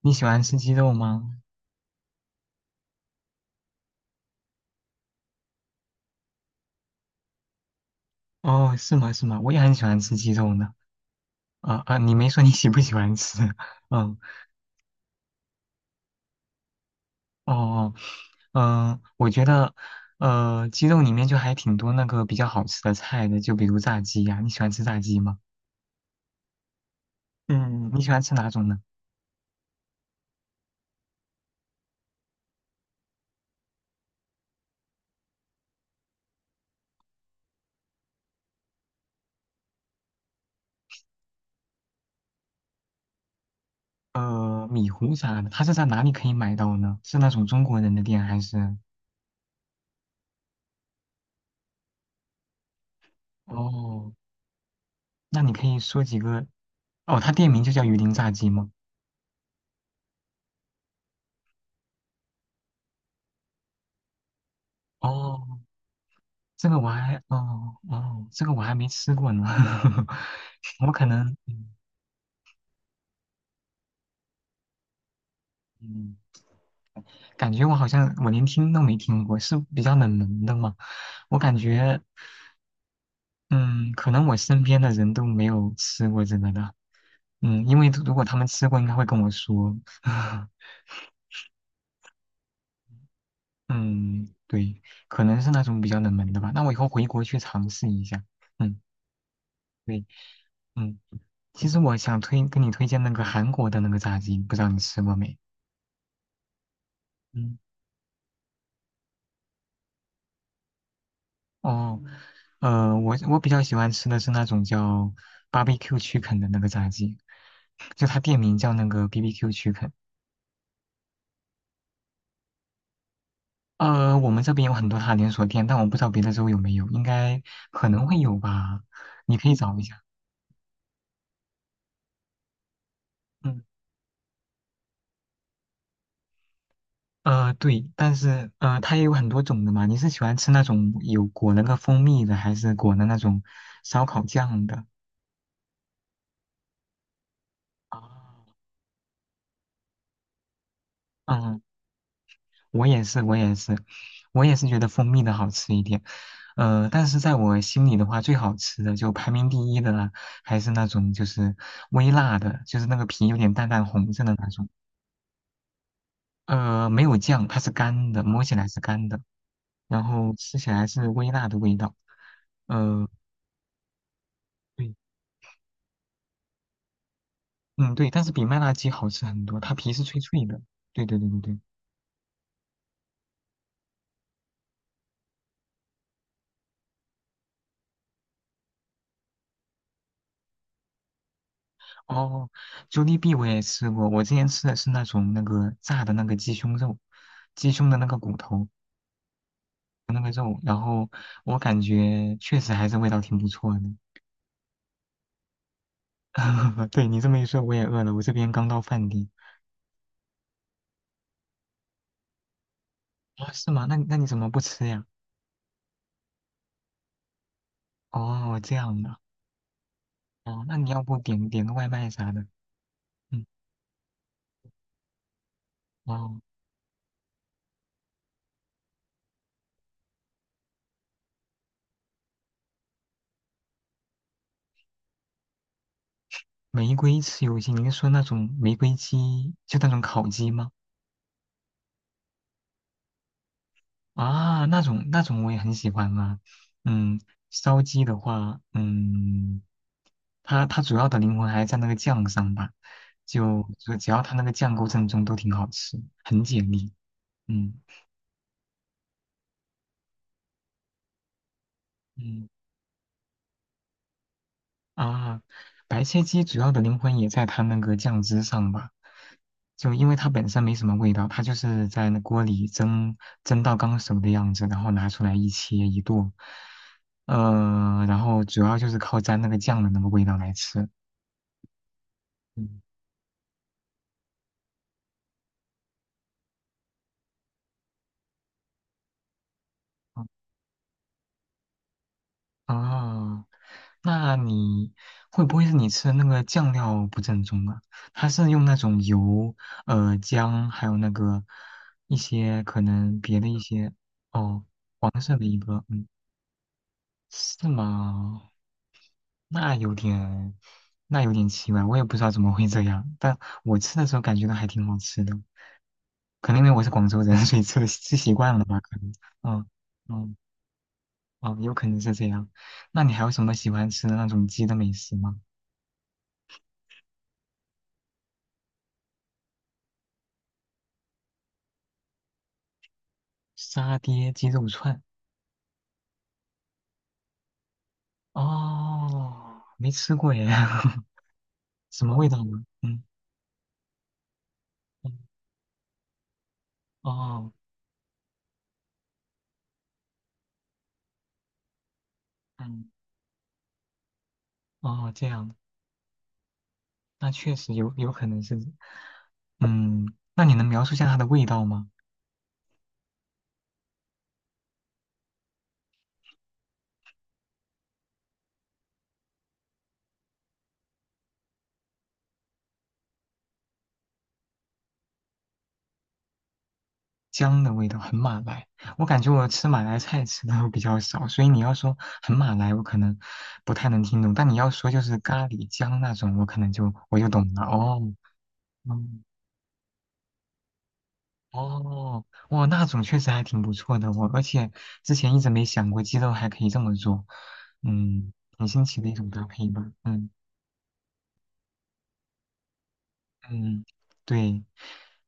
你喜欢吃鸡肉吗？哦，是吗？是吗？我也很喜欢吃鸡肉呢。啊、你没说你喜不喜欢吃？嗯。哦哦。我觉得，鸡肉里面就还挺多那个比较好吃的菜的，就比如炸鸡呀、你喜欢吃炸鸡吗？嗯，你喜欢吃哪种呢？米糊啥的，它是在哪里可以买到呢？是那种中国人的店还是？哦，那你可以说几个？哦，它店名就叫鱼鳞炸鸡吗？哦，这个我还这个我还没吃过呢。我可能嗯感觉我好像我连听都没听过，是比较冷门的嘛。我感觉，嗯，可能我身边的人都没有吃过这个的。嗯，因为如果他们吃过，应该会跟我说。嗯，对，可能是那种比较冷门的吧。那我以后回国去尝试一下。嗯，对，嗯，其实我想跟你推荐那个韩国的那个炸鸡，不知道你吃过没？嗯。哦，我比较喜欢吃的是那种叫 barbecue chicken 的那个炸鸡，就它店名叫那个 BBQ chicken。我们这边有很多它连锁店，但我不知道别的州有没有，应该可能会有吧，你可以找一下。嗯，对，但是它也有很多种的嘛。你是喜欢吃那种有裹那个蜂蜜的，还是裹的那种烧烤酱的？啊，嗯，我也是，我也是，我也是觉得蜂蜜的好吃一点。但是在我心里的话，最好吃的就排名第一的啦，还是那种就是微辣的，就是那个皮有点淡淡红色的那种。没有酱，它是干的，摸起来是干的，然后吃起来是微辣的味道。呃，对。嗯，对，但是比麦辣鸡好吃很多，它皮是脆脆的。对对对对对。哦， j o l 我也吃过，我之前吃的是那种那个炸的那个鸡胸肉，鸡胸的那个骨头。那个肉，然后我感觉确实还是味道挺不错的。对你这么一说，我也饿了，我这边刚到饭点。啊，是吗？那你怎么不吃呀？哦，这样的。哦，那你要不点个外卖啥的？嗯，哦，玫瑰吃有些，您说那种玫瑰鸡，就那种烤鸡吗？啊，那种那种我也很喜欢啊。嗯，烧鸡的话，嗯，它主要的灵魂还在那个酱上吧，就只要它那个酱够正宗，都挺好吃，很解腻。嗯嗯。啊，白切鸡主要的灵魂也在它那个酱汁上吧，就因为它本身没什么味道，它就是在那锅里蒸到刚熟的样子，然后拿出来一切一剁，然后主要就是靠沾那个酱的那个味道来吃。嗯啊，哦，那你会不会是你吃的那个酱料不正宗啊？它是用那种油、姜，还有那个一些可能别的一些哦黄色的一个，嗯，是吗？那有点，那有点奇怪，我也不知道怎么会这样，但我吃的时候感觉到还挺好吃的，可能因为我是广州人，所以吃习惯了吧，可能，嗯嗯，哦，有可能是这样。那你还有什么喜欢吃的那种鸡的美食吗？沙爹鸡肉串。哦，没吃过耶，什么味道呢？嗯，嗯，哦，嗯，哦，这样，那确实有可能是，嗯，那你能描述一下它的味道吗？姜的味道很马来，我感觉我吃马来菜吃的比较少，所以你要说很马来，我可能不太能听懂，但你要说就是咖喱姜那种，我可能就我就懂了。哦，嗯。哦，哇，那种确实还挺不错的，我而且之前一直没想过鸡肉还可以这么做，嗯，很新奇的一种搭配吧，嗯嗯，对，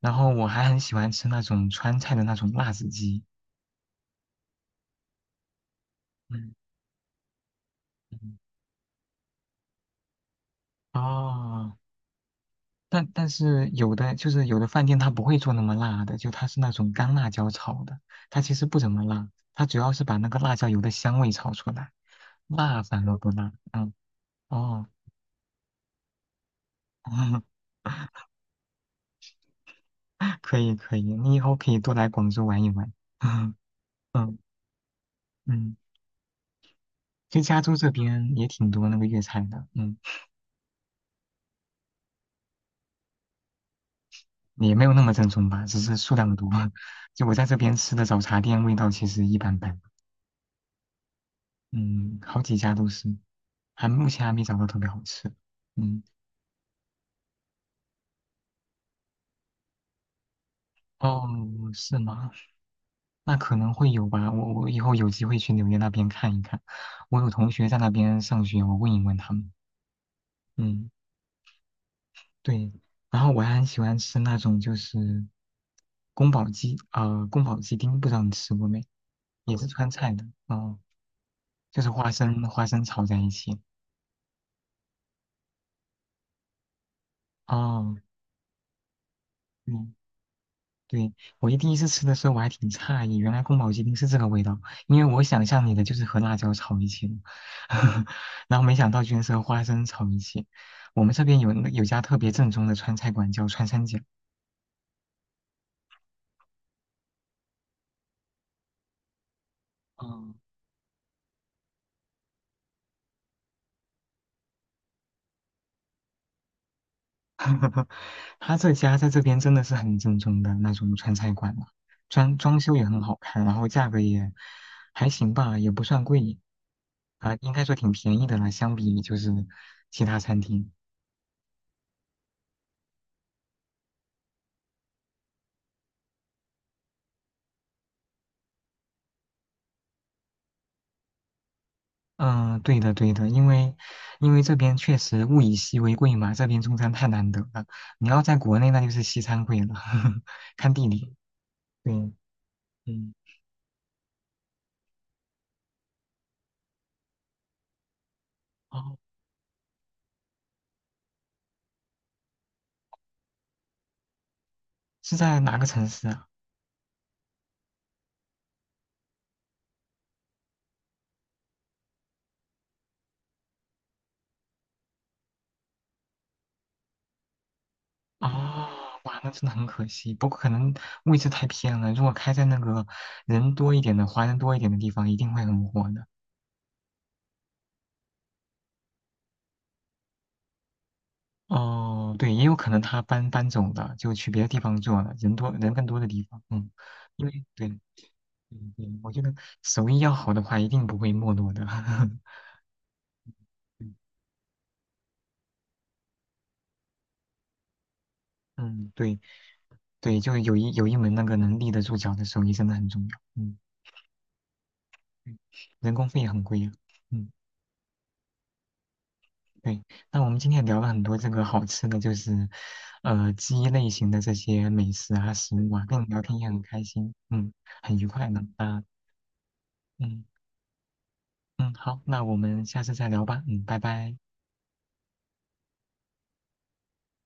然后我还很喜欢吃那种川菜的那种辣子鸡，嗯嗯，哦，但是有的就是有的饭店它不会做那么辣的，就它是那种干辣椒炒的，它其实不怎么辣，它主要是把那个辣椒油的香味炒出来，辣反而不辣，嗯，哦。可以可以，你以后可以多来广州玩一玩。嗯嗯嗯，其实加州这边也挺多那个粤菜的，嗯，也没有那么正宗吧，只是数量多。就我在这边吃的早茶店味道其实一般般，嗯，好几家都是，还目前还没找到特别好吃。嗯，哦，是吗？那可能会有吧，我以后有机会去纽约那边看一看，我有同学在那边上学，我问一问他们。嗯。对，然后我还很喜欢吃那种就是宫保鸡，宫保鸡丁，不知道你吃过没？也是川菜的，哦，就是花生炒在一起。哦，嗯，对，我第一次吃的时候我还挺诧异，原来宫保鸡丁是这个味道，因为我想象里的就是和辣椒炒一起的，然后没想到居然是和花生炒一起。我们这边有有家特别正宗的川菜馆叫川三甲。哦 他这家在这边真的是很正宗的那种川菜馆了，装修也很好看，然后价格也还行吧，也不算贵啊，应该说挺便宜的了，相比就是其他餐厅。嗯，对的对的，因为这边确实物以稀为贵嘛，这边中餐太难得了，你要在国内那就是西餐贵了，看地理。对，嗯，哦，是在哪个城市啊？啊，哇，那真的很可惜。不过可能位置太偏了，如果开在那个人多一点的、华人多一点的地方，一定会很火的。哦，对，也有可能他搬走了，就去别的地方做了，人多人更多的地方。嗯，因为对，对对，我觉得手艺要好的话，一定不会没落的。嗯，对对，就有一门那个能立得住脚的手艺真的很重要。嗯，嗯人工费也很贵呀。嗯。对，那我们今天也聊了很多这个好吃的，就是，鸡类型的这些美食啊、食物啊，跟你聊天也很开心，嗯，很愉快呢，啊，嗯嗯，好，那我们下次再聊吧，嗯，拜拜。